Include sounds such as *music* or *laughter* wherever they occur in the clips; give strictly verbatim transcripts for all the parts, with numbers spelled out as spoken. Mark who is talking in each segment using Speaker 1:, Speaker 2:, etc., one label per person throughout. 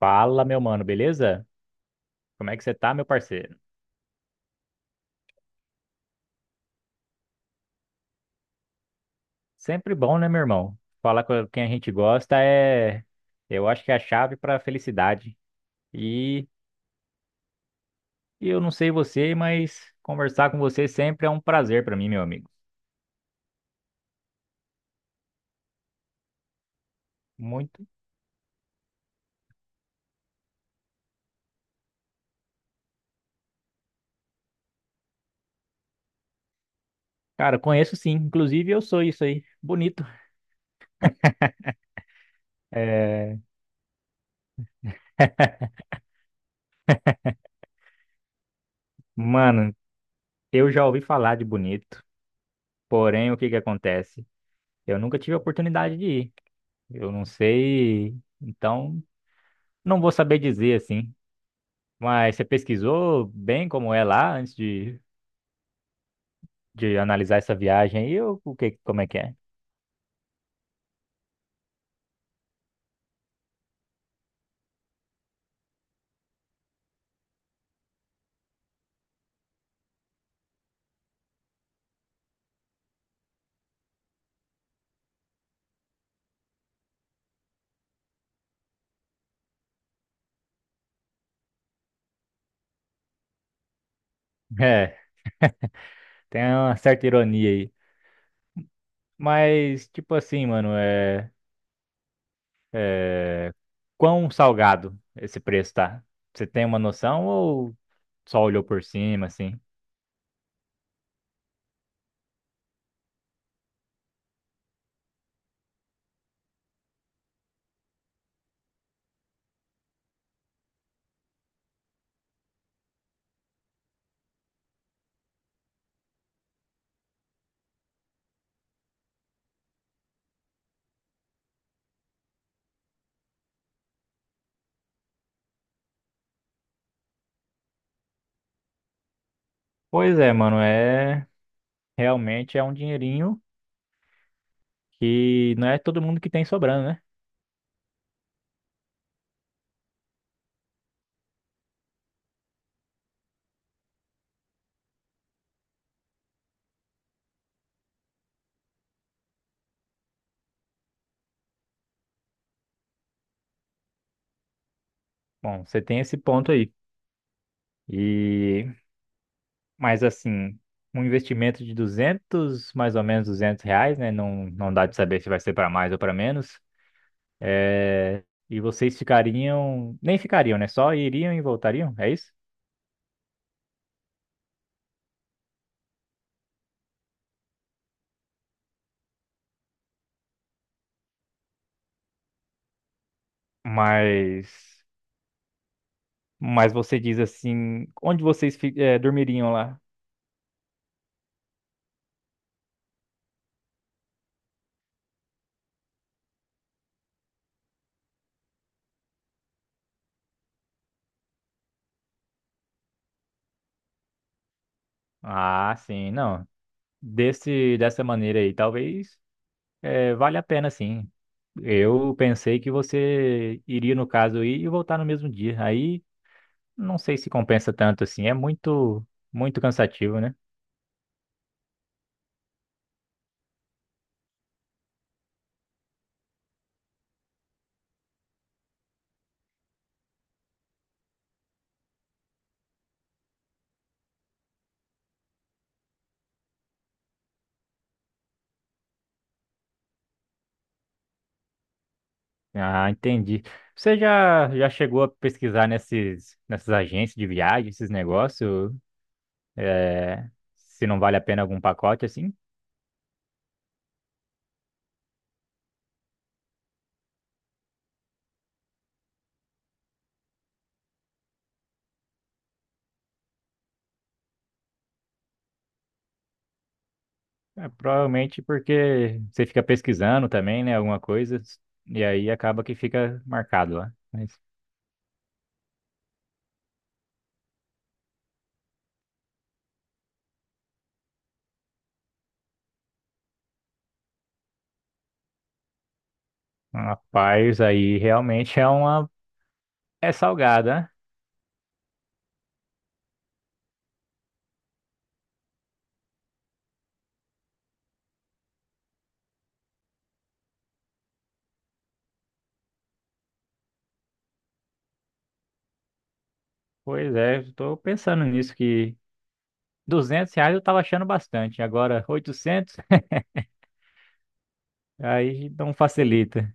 Speaker 1: Fala, meu mano, beleza? Como é que você tá, meu parceiro? Sempre bom, né, meu irmão? Falar com quem a gente gosta é, eu acho que é a chave pra felicidade. E e eu não sei você, mas conversar com você sempre é um prazer pra mim, meu amigo. Muito. Cara, conheço sim, inclusive eu sou isso aí. Bonito. É. *laughs* Mano, eu já ouvi falar de Bonito, porém o que que acontece? Eu nunca tive a oportunidade de ir. Eu não sei, então não vou saber dizer assim. Mas você pesquisou bem como é lá antes de, de analisar essa viagem aí, ou o que, como é que é? É, tem uma certa ironia aí. Mas, tipo assim, mano, é, é... quão salgado esse preço tá? Você tem uma noção ou só olhou por cima, assim? Pois é, mano, é... realmente é um dinheirinho que não é todo mundo que tem sobrando, né? Bom, você tem esse ponto aí. E... Mas assim, um investimento de duzentos mais ou menos duzentos reais, né? Não, não dá de saber se vai ser para mais ou para menos. É, e vocês ficariam, nem ficariam, né? Só iriam e voltariam, é isso? Mas, mas você diz assim, onde vocês fi- é, dormiriam lá? Ah, sim, não. Desse, dessa maneira aí, talvez é, vale a pena, sim. Eu pensei que você iria, no caso, ir e voltar no mesmo dia. Aí não sei se compensa tanto assim. É muito, muito cansativo, né? Ah, entendi. Você já, já chegou a pesquisar nesses, nessas agências de viagem, esses negócios, é, se não vale a pena algum pacote assim? É, provavelmente porque você fica pesquisando também, né? Alguma coisa, e aí acaba que fica marcado lá. Mas, rapaz, aí realmente é uma. É salgada, né? Pois é, estou pensando nisso que duzentos reais eu tava achando bastante, agora oitocentos. Aí não facilita.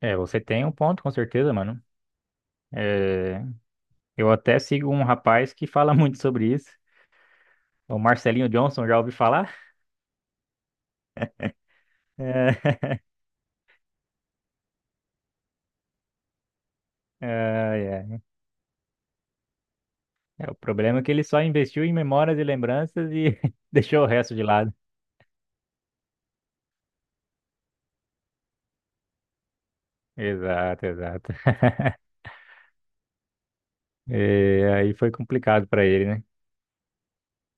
Speaker 1: É, você tem um ponto, com certeza, mano. É, eu até sigo um rapaz que fala *laughs* muito sobre isso. O Marcelinho Johnson, já ouvi falar? É. *laughs* É, é. É, o problema é que ele só investiu em memórias e lembranças e *laughs* deixou o resto de lado. Exato, exato. *laughs* É, aí foi complicado pra ele, né?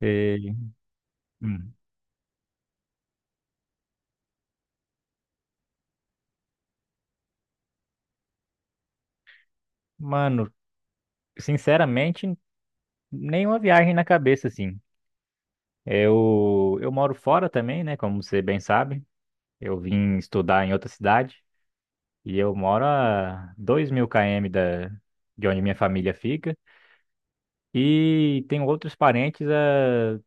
Speaker 1: É. Hum. Mano, sinceramente, nenhuma viagem na cabeça, assim. É, Eu, eu moro fora também, né? Como você bem sabe. Eu vim estudar em outra cidade e eu moro a dois mil quilômetros da, de onde minha família fica. E tenho outros parentes, a,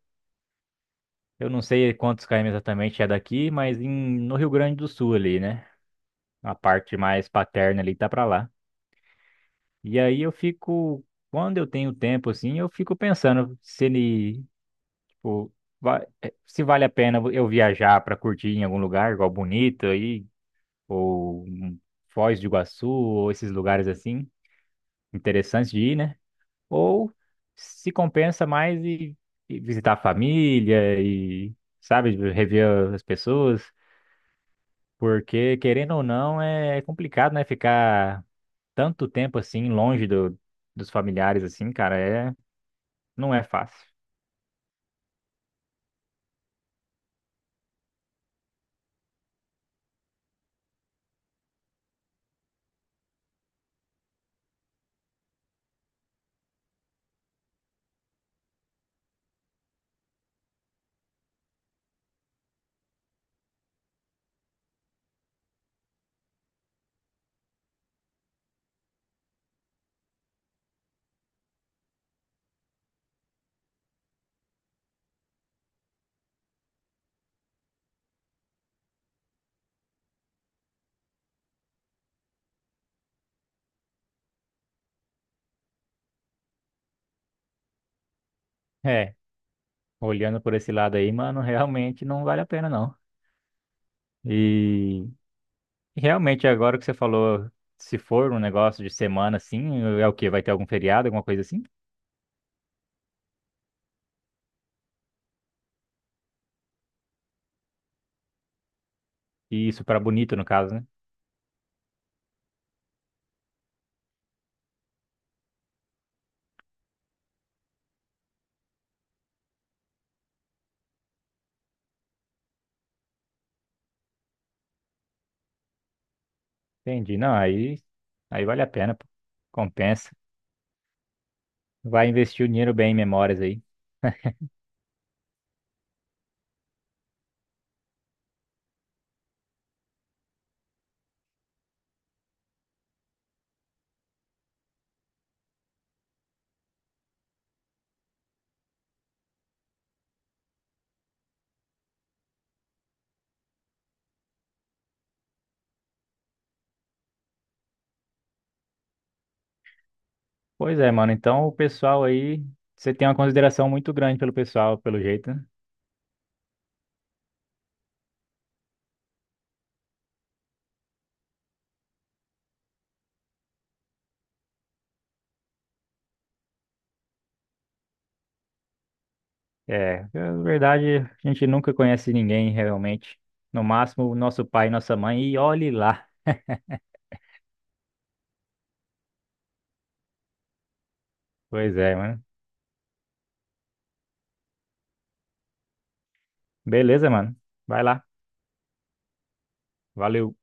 Speaker 1: eu não sei quantos quilômetros exatamente é daqui, mas em, no Rio Grande do Sul ali, né? A parte mais paterna ali tá pra lá. E aí eu fico, quando eu tenho tempo assim, eu fico pensando se ele, tipo, va- eh, se vale a pena eu viajar pra curtir em algum lugar, igual Bonito aí, ou hum, Foz do Iguaçu, ou esses lugares assim. Interessantes de ir, né? Ou se compensa mais e, e visitar a família e, sabe, rever as pessoas, porque querendo ou não é é complicado, né? Ficar tanto tempo assim longe do, dos familiares assim, cara, é não é fácil. É, olhando por esse lado aí, mano, *laughs* realmente não vale a pena não. E realmente agora que você falou, se for um negócio de semana assim, é o quê? Vai ter algum feriado, alguma coisa assim? E isso pra Bonito no caso, né? Entendi. Não, aí, aí vale a pena, pô. Compensa. Vai investir o dinheiro bem em memórias aí. Pois é, mano. Então o pessoal aí, você tem uma consideração muito grande pelo pessoal, pelo jeito, né? É, na verdade, a gente nunca conhece ninguém realmente. No máximo, o nosso pai e nossa mãe, e olhe lá. Pois é, mano. Beleza, mano. Vai lá. Valeu.